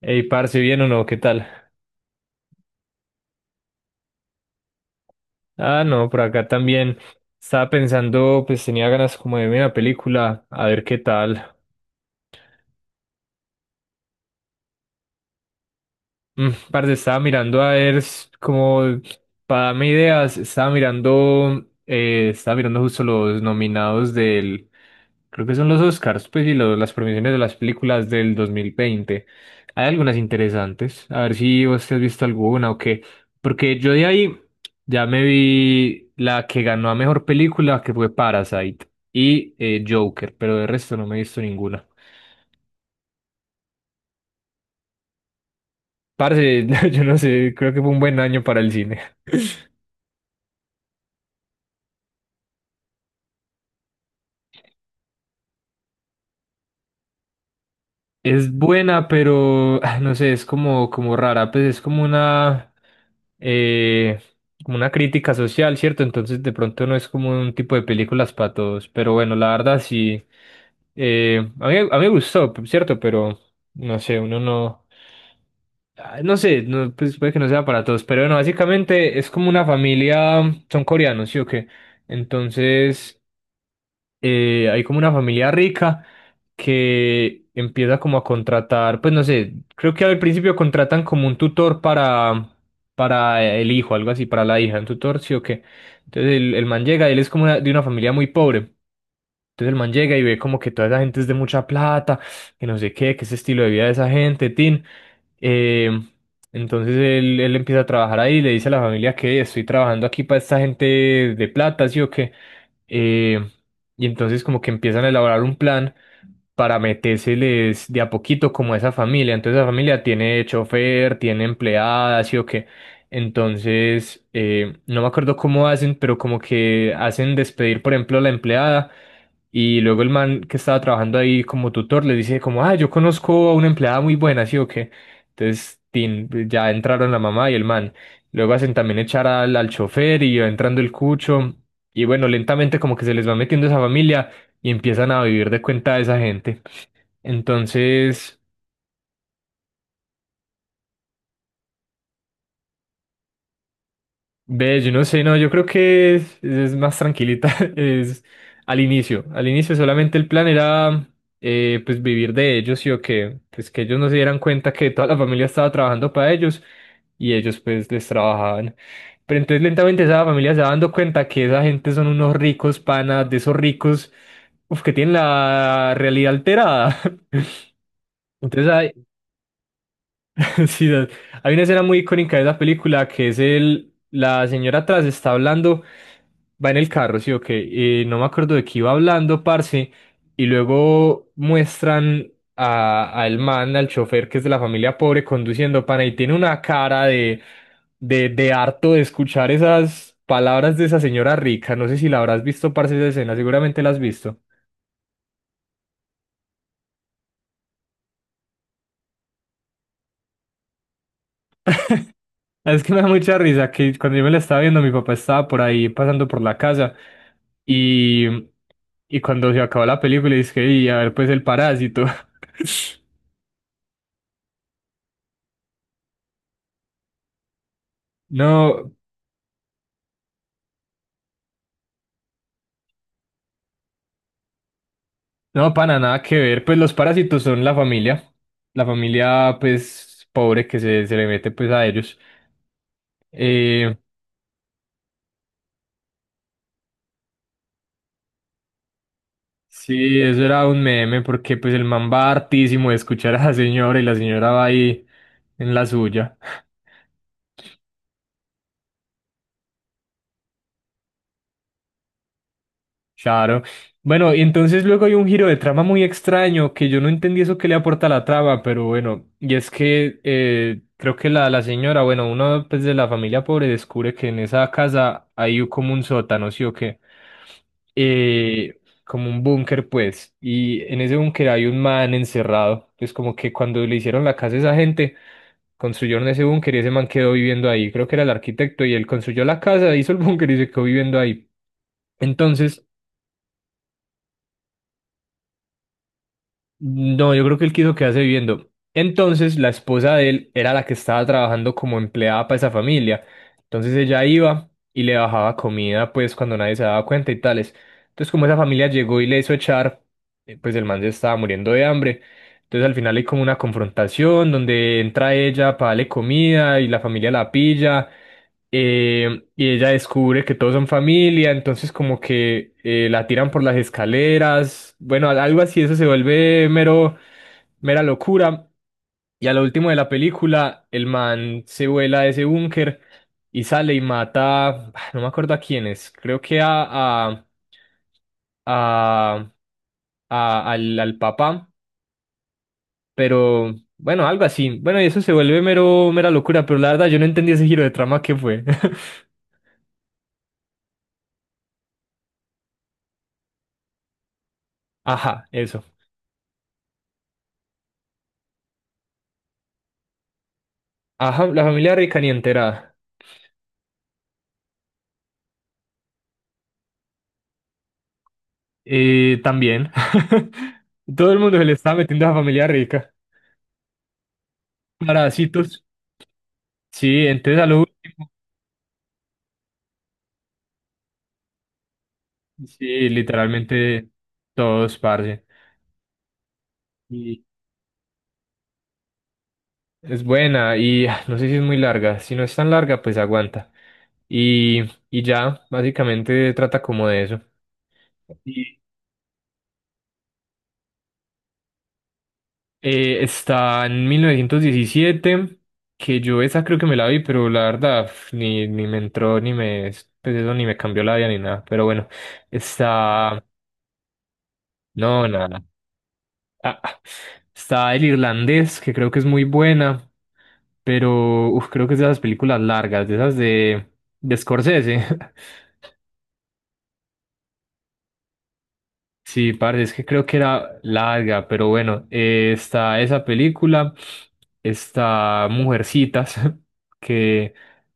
Ey, parce, ¿bien o no? ¿Qué tal? Ah, no, por acá también. Estaba pensando, pues tenía ganas como de ver una película, a ver qué tal. Parce, estaba mirando a ver, como para darme ideas, estaba mirando justo los nominados del, creo que son los Oscars, pues, y las premiaciones de las películas del 2020. Hay algunas interesantes, a ver si vos te has visto alguna o qué, porque yo de ahí ya me vi la que ganó a mejor película, que fue Parasite, y Joker, pero de resto no me he visto ninguna. Parce, yo no sé, creo que fue un buen año para el cine. Es buena, pero ah, no sé, es como, como rara, pues es eh, como una crítica social, ¿cierto? Entonces de pronto no es como un tipo de películas para todos, pero bueno, la verdad sí, a mí me gustó, ¿cierto? Pero no sé, uno no, ah, no sé, no, pues puede que no sea para todos, pero bueno, básicamente es como una familia, son coreanos, ¿sí o qué? Entonces hay como una familia rica que empieza como a contratar, pues no sé, creo que al principio contratan como un tutor para el hijo, algo así, para la hija, un tutor, sí o qué. Entonces el man llega, él es como de una familia muy pobre. Entonces el man llega y ve como que toda esa gente es de mucha plata, que no sé qué, que ese estilo de vida de esa gente, tin. Eh, entonces él empieza a trabajar ahí y le dice a la familia que estoy trabajando aquí para esta gente de plata, sí o qué. Eh, y entonces como que empiezan a elaborar un plan para metérseles de a poquito como a esa familia. Entonces la familia tiene chofer, tiene empleadas y o qué. Entonces, no me acuerdo cómo hacen, pero como que hacen despedir, por ejemplo, a la empleada y luego el man que estaba trabajando ahí como tutor le dice como, ah, yo conozco a una empleada muy buena, ¿sí o qué? Entonces, tin, ya entraron la mamá y el man. Luego hacen también echar al chofer y va entrando el cucho. Y bueno, lentamente como que se les va metiendo esa familia y empiezan a vivir de cuenta de esa gente. Entonces... Ve, yo no sé, no, yo creo que es más tranquilita, es al inicio solamente el plan era pues vivir de ellos y o que pues que ellos no se dieran cuenta que toda la familia estaba trabajando para ellos y ellos pues les trabajaban. Pero entonces lentamente esa familia se va dando cuenta que esa gente son unos ricos panas, de esos ricos, uf, que tienen la realidad alterada. Entonces ah. Sí, hay una escena muy icónica de esa película que es el, la señora atrás está hablando, va en el carro, sí, ok, y no me acuerdo de qué iba hablando, parce, y luego muestran a, al man, al chofer que es de la familia pobre conduciendo, pana, y tiene una cara de, de harto de escuchar esas palabras de esa señora rica, no sé si la habrás visto, parce, esa escena, seguramente la has visto. Es que me da mucha risa que cuando yo me la estaba viendo, mi papá estaba por ahí pasando por la casa y, y cuando se acabó la película, dije, y a ver, pues el parásito. No, no, pana, nada que ver. Pues los parásitos son la familia, pues, pobre que se le mete, pues, a ellos. Eh, sí, eso era un meme porque, pues, el man va hartísimo de escuchar a la señora y la señora va ahí en la suya. Claro. Bueno, y entonces luego hay un giro de trama muy extraño que yo no entendí eso que le aporta a la trama, pero bueno, y es que creo que la señora, bueno, uno pues, de la familia pobre descubre que en esa casa hay como un sótano, ¿sí o qué? Como un búnker, pues, y en ese búnker hay un man encerrado, pues como que cuando le hicieron la casa a esa gente, construyeron ese búnker y ese man quedó viviendo ahí, creo que era el arquitecto y él construyó la casa, hizo el búnker y se quedó viviendo ahí. Entonces... No, yo creo que él quiso quedarse viviendo. Entonces, la esposa de él era la que estaba trabajando como empleada para esa familia. Entonces ella iba y le bajaba comida, pues cuando nadie se daba cuenta y tales. Entonces, como esa familia llegó y le hizo echar, pues el man se estaba muriendo de hambre. Entonces, al final hay como una confrontación donde entra ella para darle comida y la familia la pilla, y ella descubre que todos son familia, entonces como que la tiran por las escaleras, bueno, algo así, eso se vuelve mero, mera locura. Y a lo último de la película, el man se vuela de ese búnker y sale y mata, ah, no me acuerdo a quién es, creo que a, a, al papá, pero bueno, algo así. Bueno, y eso se vuelve mero, mera locura, pero la verdad yo no entendí ese giro de trama que fue. Ajá, eso. Ajá, la familia rica ni enterada. También. Todo el mundo se le está metiendo a la familia rica. Parásitos. Sí, ente de salud. Sí, literalmente todos, parce. Y es buena y ah, no sé si es muy larga. Si no es tan larga, pues aguanta. Y, y ya, básicamente trata como de eso. Y está en 1917, que yo esa creo que me la vi, pero la verdad pf, ni me entró, ni me, pues eso ni me cambió la vida ni nada. Pero bueno, está, no, nada. Ah, ah, está El Irlandés, que creo que es muy buena, pero uf, creo que es de esas películas largas, de esas de Scorsese. Sí, parce, es que creo que era larga, pero bueno, está esa película, está Mujercitas, que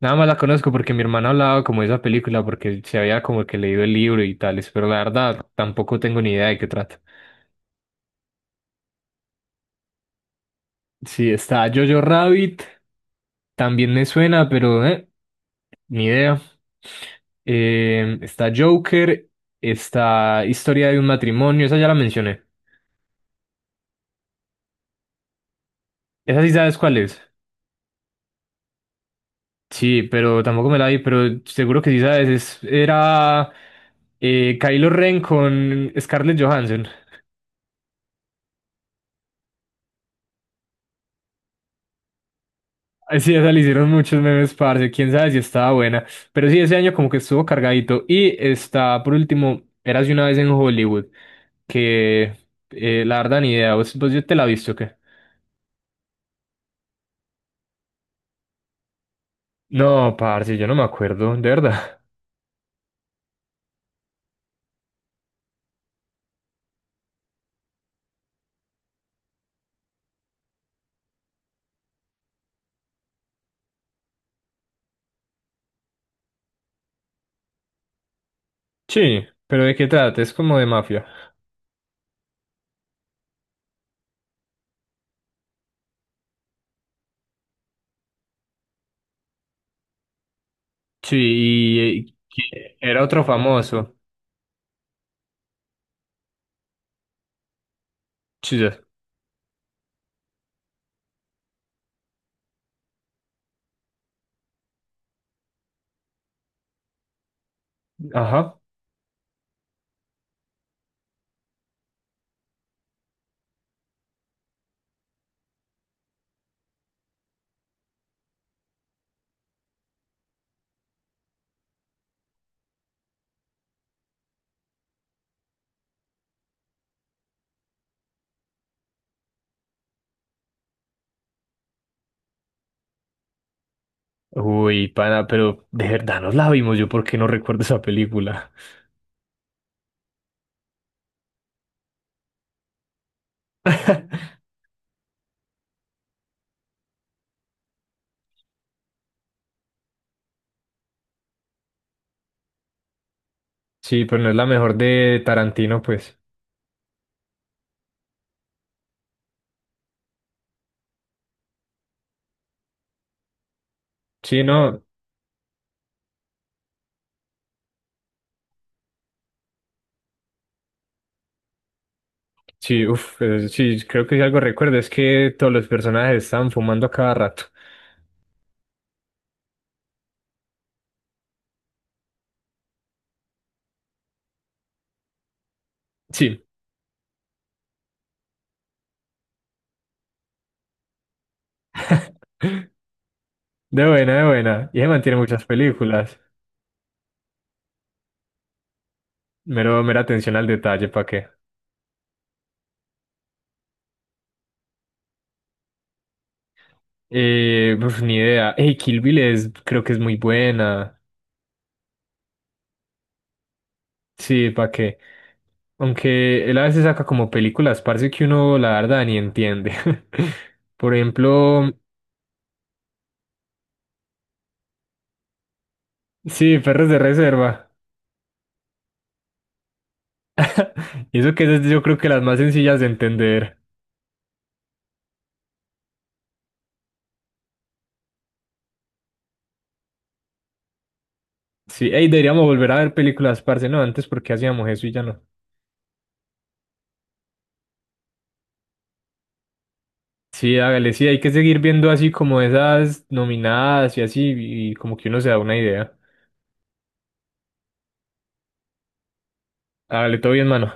nada más la conozco porque mi hermana hablaba como de esa película, porque se había como que leído el libro y tales, pero la verdad tampoco tengo ni idea de qué trata. Sí, está Jojo Rabbit, también me suena, pero ni idea. Está Joker, está Historia de un matrimonio, esa ya la mencioné. Esa sí sabes cuál es. Sí, pero tampoco me la vi, pero seguro que sí sabes, era Kylo Ren con Scarlett Johansson. Ay, sí, esa le hicieron muchos memes, parce, quién sabe si estaba buena. Pero sí, ese año como que estuvo cargadito. Y está, por último, Érase una vez en Hollywood, que la verdad ni idea, vos ya te la visto o qué? No, parce, yo no me acuerdo, de verdad. Sí, pero ¿de qué trata? Es como de mafia. Sí, y, que era otro famoso. Sí, ya. Ajá. Uy, pana, pero de verdad nos la vimos, yo porque no recuerdo esa película. Sí, pero no es la mejor de Tarantino, pues. Sí, no, sí, uff, sí, creo que si algo recuerdo es que todos los personajes están fumando a cada rato. Sí, de buena, de buena. Y se mantiene muchas películas. Mero, mera atención al detalle, ¿para qué? Uf, ni idea. Hey, Kill Bill es, creo que es muy buena. Sí, ¿para qué? Aunque él a veces saca como películas, parce, que uno la verdad ni entiende. Por ejemplo, sí, Perros de Reserva. Y eso que es, yo creo que las más sencillas de entender. Sí, ey, deberíamos volver a ver películas, parce, no, antes porque hacíamos eso y ya no. Sí, hágale, sí, hay que seguir viendo así como esas nominadas y así, y como que uno se da una idea. Hágale, todo bien, mano.